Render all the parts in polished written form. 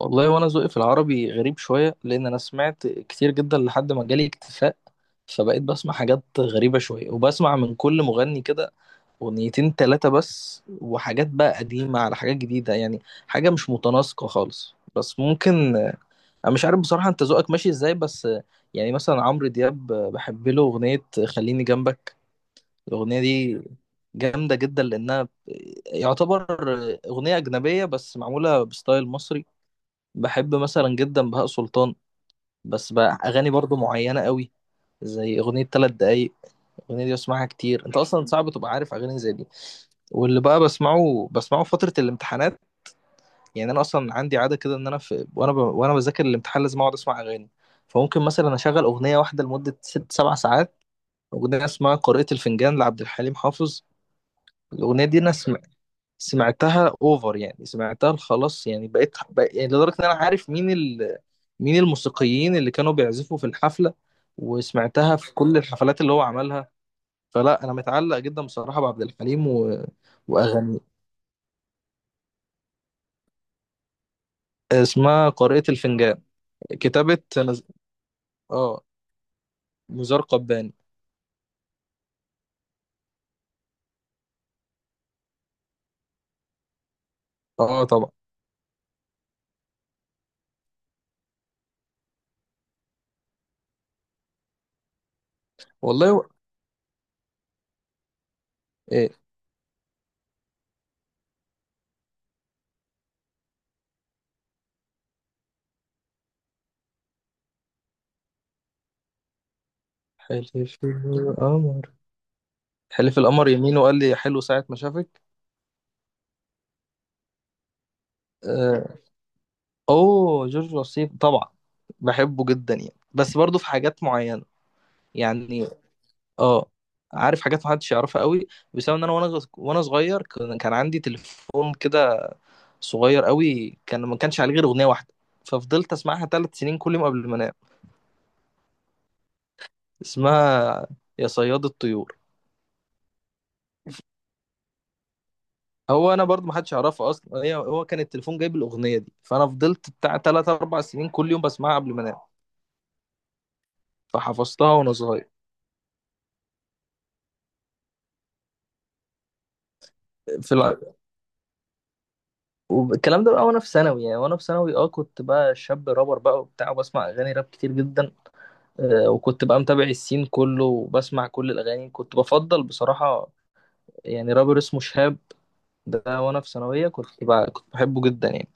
والله وانا ذوقي في العربي غريب شويه، لان انا سمعت كتير جدا لحد ما جالي اكتفاء. فبقيت بسمع حاجات غريبه شويه، وبسمع من كل مغني كده اغنيتين تلاتة بس، وحاجات بقى قديمه على حاجات جديده، يعني حاجه مش متناسقه خالص، بس ممكن. انا مش عارف بصراحه انت ذوقك ماشي ازاي، بس يعني مثلا عمرو دياب بحب له اغنيه خليني جنبك. الاغنيه دي جامده جدا لانها يعتبر اغنيه اجنبيه بس معموله بستايل مصري. بحب مثلا جدا بهاء سلطان، بس بقى اغاني برضو معينه قوي، زي اغنيه ثلاث دقايق. الاغنيه دي بسمعها كتير، انت اصلا صعب تبقى عارف اغاني زي دي. واللي بقى بسمعه فتره الامتحانات، يعني انا اصلا عندي عاده كده، ان انا وانا بذاكر الامتحان لازم اقعد اسمع اغاني. فممكن مثلا اشغل اغنيه واحده لمده 6 7 ساعات. اغنيه اسمها قارئة الفنجان لعبد الحليم حافظ. الاغنيه دي انا سمعتها اوفر، يعني سمعتها خلاص، يعني يعني لدرجه ان انا عارف مين الموسيقيين اللي كانوا بيعزفوا في الحفله، وسمعتها في كل الحفلات اللي هو عملها. فلا انا متعلق جدا بصراحه بعبد الحليم واغانيه. اسمها قارئة الفنجان، كتابه نز... اه نزار قباني. اه طبعا. والله و... ايه حلف القمر. حلف القمر يمين وقال لي حلو ساعه ما شافك. آه، اوه جورج وسيم طبعا، بحبه جدا، يعني بس برضه في حاجات معينه. يعني اه عارف حاجات محدش يعرفها قوي، بسبب ان انا وانا صغير كان عندي تليفون كده صغير قوي، كان ما كانش عليه غير اغنيه واحده، ففضلت اسمعها 3 سنين كل يوم قبل ما انام. اسمها يا صياد الطيور. هو انا برضه ما حدش يعرفها اصلا، هو كان التليفون جايب الاغنيه دي، فانا فضلت بتاع 3 4 سنين كل يوم بسمعها قبل ما انام، فحفظتها وانا صغير. في والكلام ده بقى وانا في ثانوي، يعني وانا في ثانوي كنت بقى شاب رابر بقى وبتاع، وبسمع اغاني راب كتير جدا. وكنت بقى متابع السين كله، وبسمع كل الاغاني، كنت بفضل بصراحة، يعني رابر اسمه شهاب. ده وانا في ثانوية كنت بحبه جدا يعني.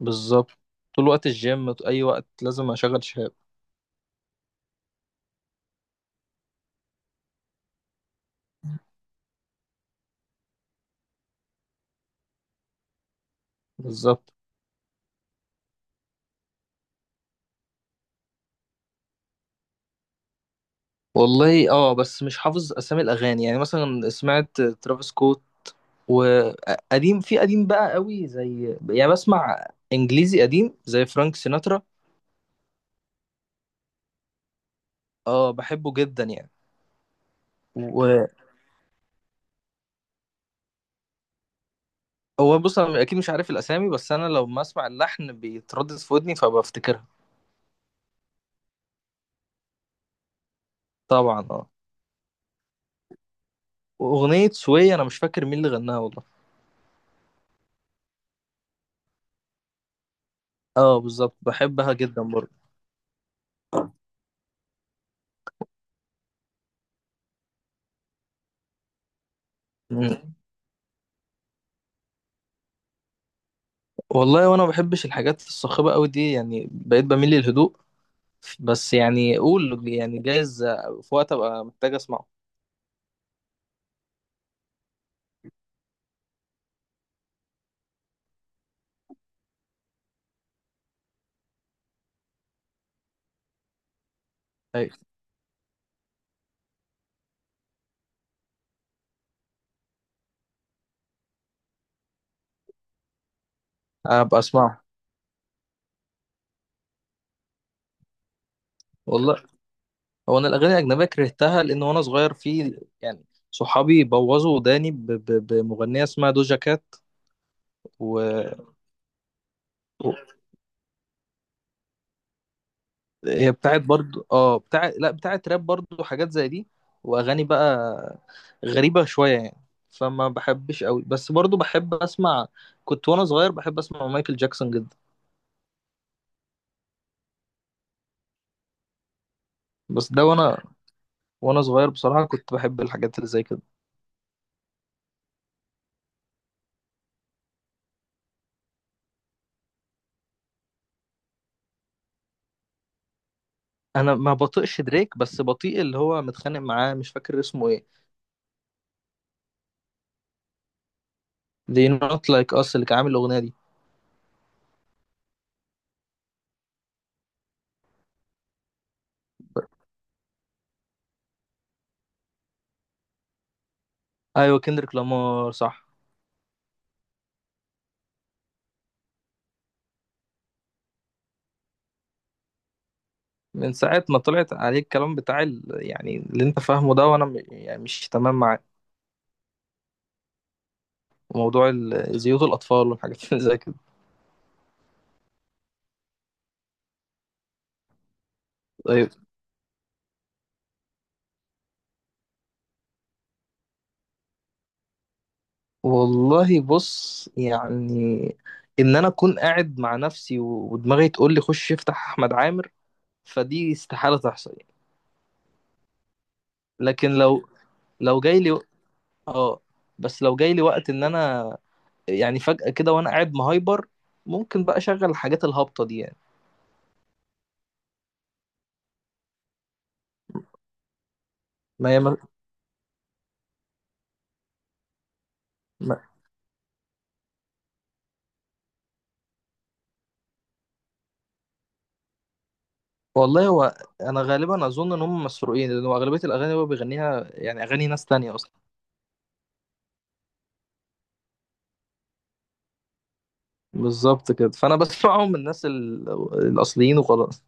بالظبط، طول وقت الجيم اي وقت لازم اشغل شهاب. بالظبط. والله بس مش حافظ اسامي الاغاني، يعني مثلا سمعت ترافيس سكوت وقديم، في قديم بقى قوي، زي يعني بسمع انجليزي قديم زي فرانك سيناترا. اه بحبه جدا يعني. وهو بص انا اكيد مش عارف الاسامي، بس انا لو ما اسمع اللحن بيتردد في ودني فبفتكرها. طبعا اه. واغنيه سوية انا مش فاكر مين اللي غناها والله. اه بالظبط، بحبها جدا برضه. مم. والله وانا ما بحبش الحاجات الصاخبه قوي دي، يعني بقيت بميل للهدوء، بس يعني قول يعني جايز في وقت ابقى محتاج اسمعه. ايوه، ابقى اسمعه. والله، هو انا الاغاني الاجنبيه كرهتها، لان وانا صغير في يعني صحابي بوظوا وداني بمغنيه اسمها دوجا كات و... و- هي بتاعت برضو، بتاع لا بتاعت راب برضو، حاجات زي دي واغاني بقى غريبة شوية يعني، فما بحبش قوي، بس برضو بحب اسمع. كنت وانا صغير بحب اسمع مايكل جاكسون جدا، بس ده وانا صغير بصراحة كنت بحب الحاجات اللي زي كده. انا ما بطيقش دريك، بس بطيء اللي هو متخانق معاه مش فاكر اسمه ايه. They not like us اللي كان عامل الاغنية دي. ايوه كندريك لامار، صح. من ساعة ما طلعت عليه الكلام بتاع يعني اللي انت فاهمه ده، وانا يعني مش تمام معاه، وموضوع زيوت الأطفال والحاجات اللي زي كده. طيب. والله بص يعني، إن أنا أكون قاعد مع نفسي ودماغي تقول لي خش افتح أحمد عامر، فدي استحالة تحصل يعني. لكن لو جاي لي آه بس لو جاي لي وقت إن أنا يعني فجأة كده وأنا قاعد مهايبر، ممكن بقى أشغل الحاجات الهابطة دي يعني. ما هي ما- والله، هو أنا غالبا أظن إن هم مسروقين، لأن هو أغلبية الأغاني اللي هو بيغنيها يعني أغاني ناس تانية أصلا. بالظبط كده، فانا بسمعهم من الناس الاصليين وخلاص.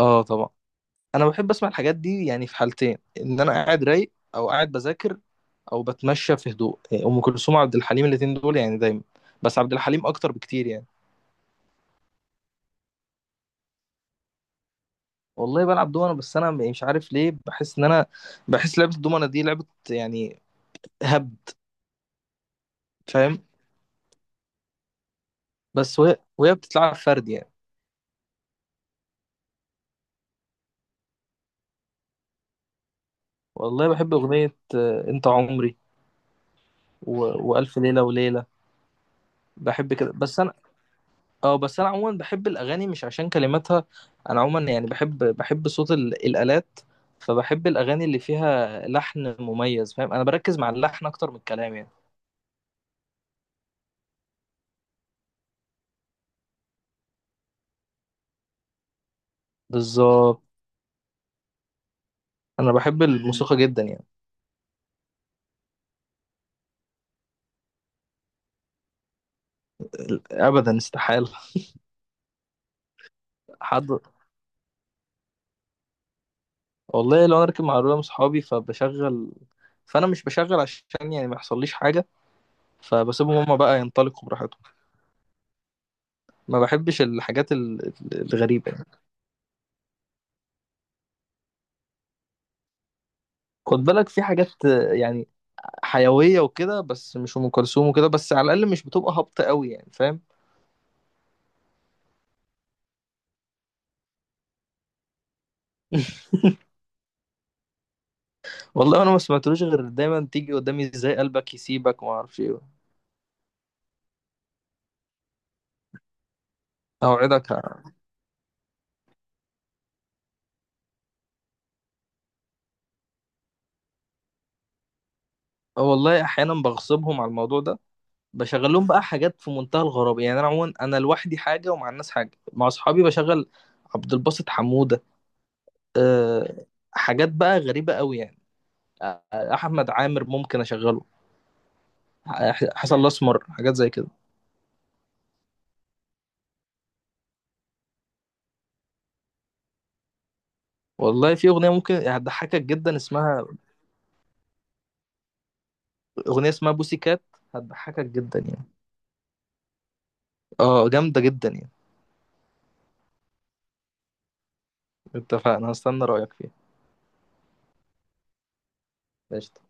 اه طبعا. انا بحب اسمع الحاجات دي يعني في حالتين، ان انا قاعد رايق او قاعد بذاكر او بتمشى في هدوء، يعني ام كلثوم وعبد الحليم الاتنين دول يعني دايما، بس عبد الحليم اكتر بكتير يعني. والله بلعب دومنه، بس انا مش عارف ليه بحس ان انا بحس لعبه الدومنه دي لعبه يعني هبد، فاهم؟ بس وهي بتتلعب فرد يعني. والله بحب اغنيه انت عمري و... والف ليله وليله. بحب كده بس. اه بس انا عموما بحب الاغاني مش عشان كلماتها، انا عموما يعني بحب صوت الالات، فبحب الاغاني اللي فيها لحن مميز، فاهم؟ انا بركز مع اللحن اكتر من الكلام يعني. بالظبط. انا بحب الموسيقى جدا يعني. ابدا استحاله. حد. والله لو انا راكب مع رولة صحابي فبشغل، فانا مش بشغل عشان يعني ما يحصليش حاجه، فبسيبهم هما بقى ينطلقوا براحتهم. ما بحبش الحاجات الغريبه يعني. خد بالك في حاجات يعني حيويه وكده، بس مش ام كلثوم وكده، بس على الاقل مش بتبقى هابطه قوي يعني، فاهم؟ والله انا ما سمعتلوش غير دايما تيجي قدامي ازاي قلبك يسيبك وما اعرفش ايه. اوعدك آه. والله احيانا بغصبهم على الموضوع ده، بشغل لهم بقى حاجات في منتهى الغرابه يعني. انا عموما انا لوحدي حاجه ومع الناس حاجه، مع اصحابي بشغل عبد الباسط حموده. أه حاجات بقى غريبه قوي يعني. احمد عامر ممكن اشغله. حسن الاسمر حاجات زي كده. والله في اغنيه ممكن هتضحكك جدا اسمها، اغنيه اسمها بوسي كات، هتضحكك جدا يعني، اه جامده جدا يعني. اتفقنا، هستنى رايك فيها. ماشي